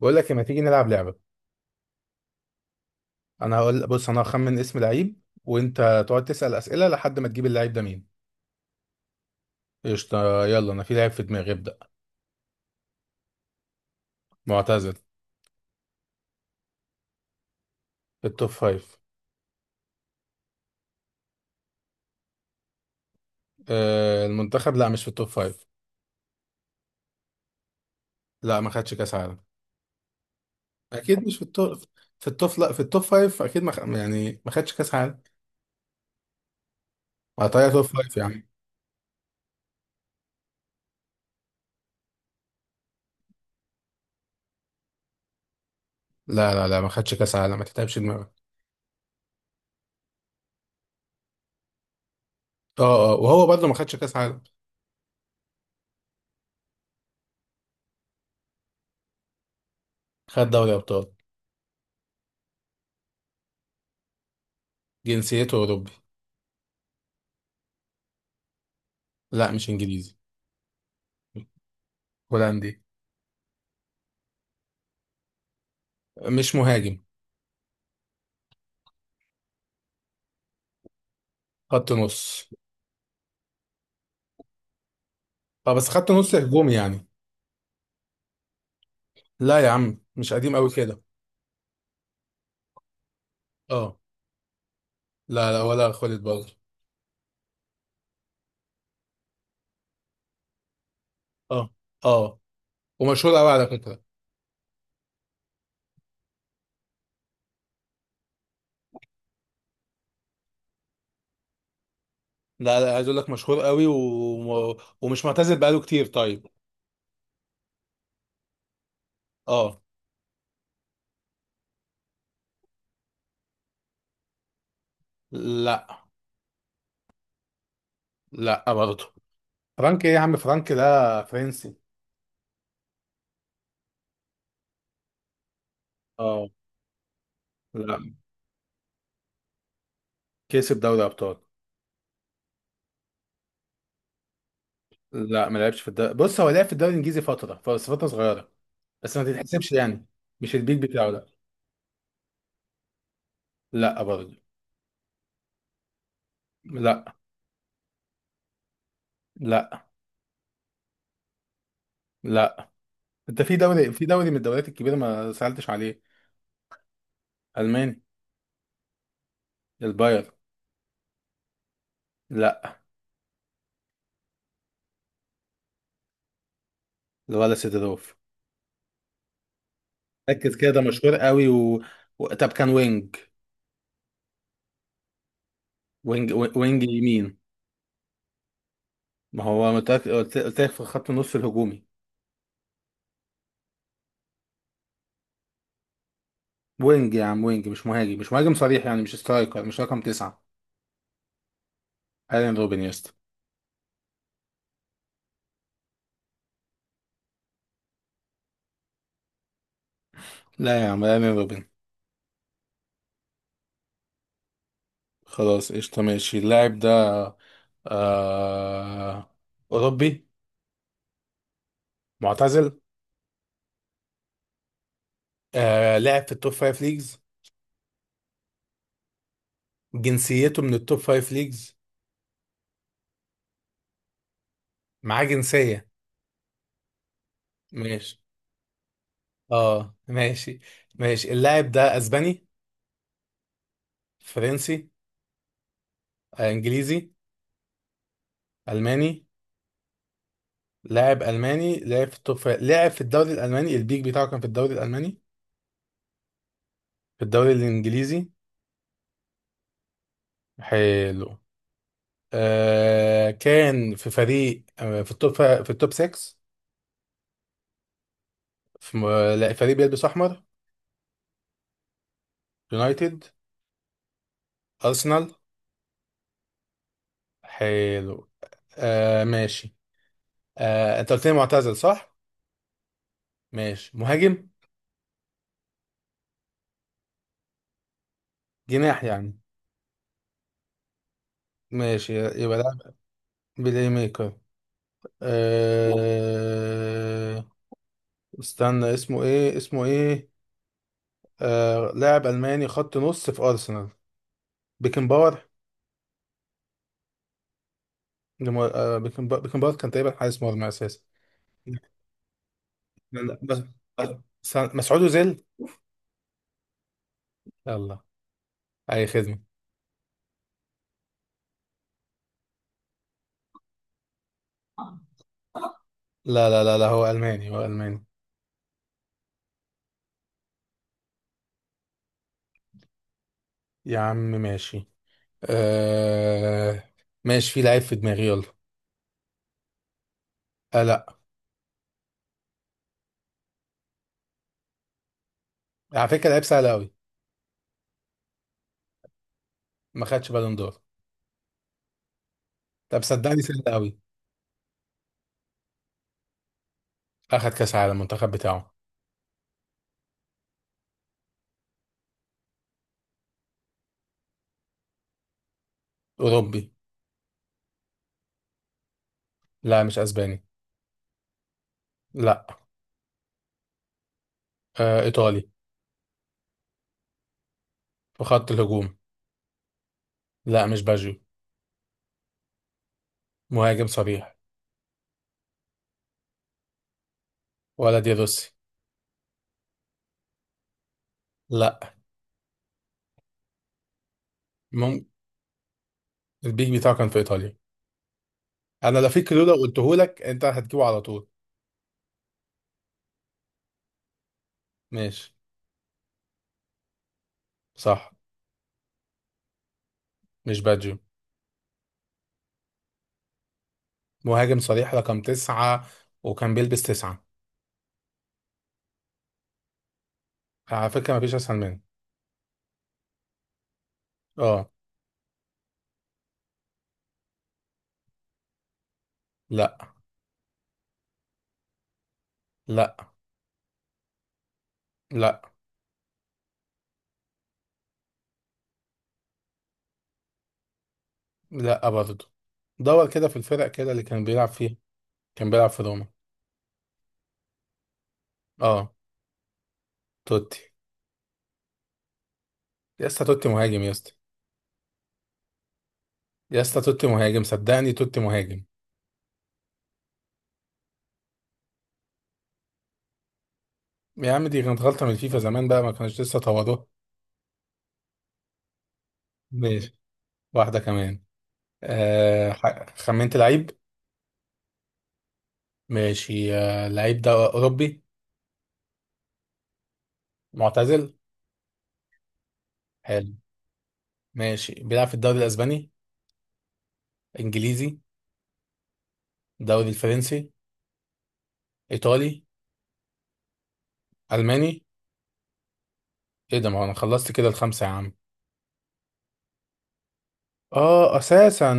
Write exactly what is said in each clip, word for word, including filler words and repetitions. بقول لك، ما تيجي نلعب لعبة؟ انا هقول، بص، انا هخمن اسم لعيب وانت تقعد تسأل أسئلة لحد ما تجيب اللعيب ده مين. قشطة، يلا، انا في لعيب في دماغي، ابدأ. معتزل، في التوب فايف. آه المنتخب، لا، مش في التوب فايف. لا، ما خدش كاس عالم. اكيد مش في التوب. في التوب، لا، في التوب فايف اكيد ما خ... يعني ما خدش كاس عالم. هتلاقيها توب فايف يعني. لا، لا، لا، ما خدش كاس عالم، ما تتعبش دماغك. اه، اه، وهو برضه ما خدش كاس عالم. خد دوري ابطال. جنسيته اوروبي. لا، مش انجليزي. هولندي. مش مهاجم. خط نص. اه، بس خدت نص هجومي يعني. لا يا عم، مش قديم قوي كده. اه. لا، لا، ولا خالد برضه. اه، اه، ومشهور قوي على فكره. لا، لا، عايز اقول لك مشهور قوي و... و... ومش معتزل بقاله كتير، طيب. اه. لا. لا برضه. فرانك ايه يا عم؟ فرانك ده فرنسي. اه. لا. كسب دوري ابطال. لا، ما لعبش في الدوري، بص هو لعب في الدوري الانجليزي فتره، بس فتره صغيره. بس ما تتحسبش يعني. مش البيك بتاعه ده. لا برضه. لا. لا. لا. انت في دوري في دوري من الدوريات الكبيره ما سالتش عليه. الماني. الباير. لا، ولا سيدروف. ركز كده، ده مشهور قوي و... و... طب كان وينج. وينج، وينج يمين. ما هو متأك... قلت قلت لك في خط النص الهجومي. وينج يا عم، وينج مش مهاجم، مش مهاجم صريح يعني، مش سترايكر، مش رقم تسعة. ايرين روبن يا اسطى. لا يا عم، ايرين روبن. خلاص، قشطة، ماشي، اللاعب ده. آه... أوروبي. معتزل. آه... لعب في التوب فايف ليجز. جنسيته من التوب فايف ليجز. معاه جنسية. ماشي. اه، ماشي. ماشي، اللاعب ده اسباني؟ فرنسي؟ آه، انجليزي؟ الماني؟ لاعب الماني لاعب في التوب فايف- لاعب في الدوري الالماني، البيك بتاعه كان في الدوري الالماني. في الدوري الانجليزي؟ حلو. آه كان في فريق آه في التوب فا- في التوب ستة. في م- لا، فريق بيلبس احمر. يونايتد؟ ارسنال؟ حلو. آه ماشي. آه انت قلت لي معتزل، صح؟ ماشي، مهاجم؟ جناح يعني؟ ماشي، يبقى ده. بلاي ميكر؟ لا. أه... استنى، اسمه ايه، اسمه ايه؟ أه... لاعب ألماني خط نص في أرسنال. بيكنباور؟ لم... أه... بيكنبا- بيكنباور كان تقريبا حارس مرمى أساسي. لا، لا، بس، بس- مسعود أوزيل! يلا. أي خدمة. لا، لا، لا، لا، هو ألماني، هو ألماني. يا عم ماشي. أه... ماشي، في لعيب في دماغي، يلا. أه لا. على فكرة، لعيب سهل أوي. ما خدش بالون دور. طب صدقني سهل أوي. أخد كأس عالم المنتخب بتاعه. أوروبي. لا، مش اسباني. لا. آه، ايطالي. في خط الهجوم. لا، مش باجيو. مهاجم صريح. ولا دي روسي. لا. مم... البيك بتاعه كان في ايطاليا. انا لا في كلو لو قلته لك، انت هتجيبه على طول. ماشي. صح. مش باجيو. مهاجم صريح رقم تسعة. وكان بيلبس تسعة. على فكرة مفيش اسهل منه. اه. لا. لا. لا. لا برضه. دور كده في الفرق كده اللي كان بيلعب فيها. كان بيلعب في روما. اه. توتي؟ لسه توتي مهاجم يا اسطى. يا اسطى توتي مهاجم، صدقني توتي مهاجم. يا عم دي كانت غلطة من الفيفا زمان بقى ما كانوش لسه طوضوها. ماشي، واحدة كمان. آه ح- خمنت لعيب. ماشي، آه اللعيب ده أوروبي؟ معتزل. حلو. ماشي، بيلعب في الدوري الأسباني؟ إنجليزي؟ الدوري الفرنسي؟ إيطالي؟ ألماني؟ إيه ده؟ ما هو أنا خلصت كده الخمسة يا عم. آه أساسا.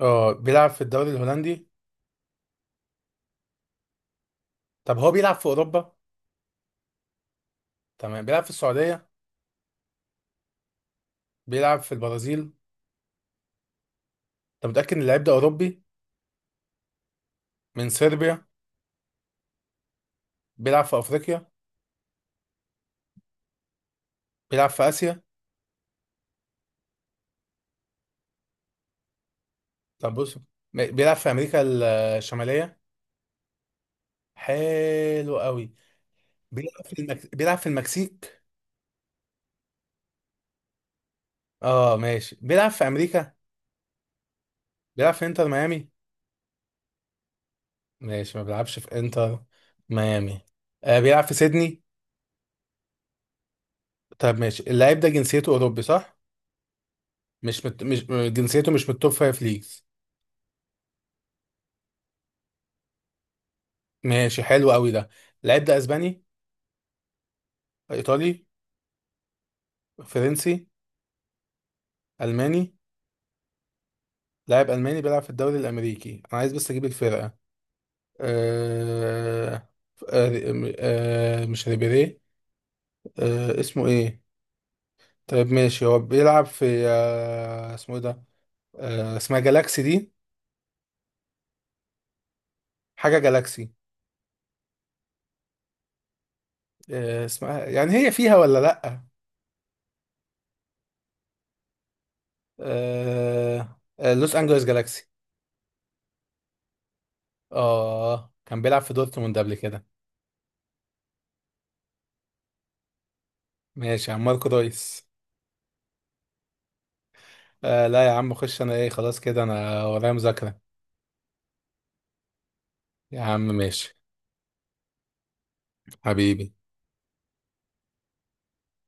آه بيلعب في الدوري الهولندي؟ طب هو بيلعب في أوروبا؟ تمام، بيلعب في السعودية؟ بيلعب في البرازيل؟ أنت متأكد إن اللعيب ده أوروبي؟ من صربيا؟ بيلعب في افريقيا؟ بيلعب في اسيا؟ طب بص، م- بيلعب في امريكا الشماليه؟ حلو قوي. بيلعب في المك... بيلعب في المكسيك؟ اه ماشي، بيلعب في امريكا. بيلعب في انتر ميامي؟ ماشي، ما بيلعبش في انتر ميامي. آه بيلعب في سيدني؟ طب، ماشي، اللاعب ده جنسيته اوروبي، صح؟ مش مت... مش جنسيته مش من التوب فايف ليجز؟ ماشي، حلو قوي ده. اللاعب ده اسباني؟ ايطالي؟ فرنسي؟ الماني؟ لاعب الماني بيلعب في الدوري الامريكي، انا عايز بس اجيب الفرقه. آه آه آه مش ريبيري؟ آه اسمه ايه؟ طيب، ماشي، هو بيلعب في آه اسمه ايه ده؟ آه اسمها جالاكسي دي. حاجة جالاكسي. آه اسمها يعني هي فيها ولا لأ؟ آه آه لوس أنجلوس جالاكسي. اه، كان بيلعب في دورتموند قبل كده. ماشي يا عم، ماركو رويس. آه لا يا عم، خش، انا ايه، خلاص كده، انا ورايا مذاكرة. يا عم ماشي. حبيبي.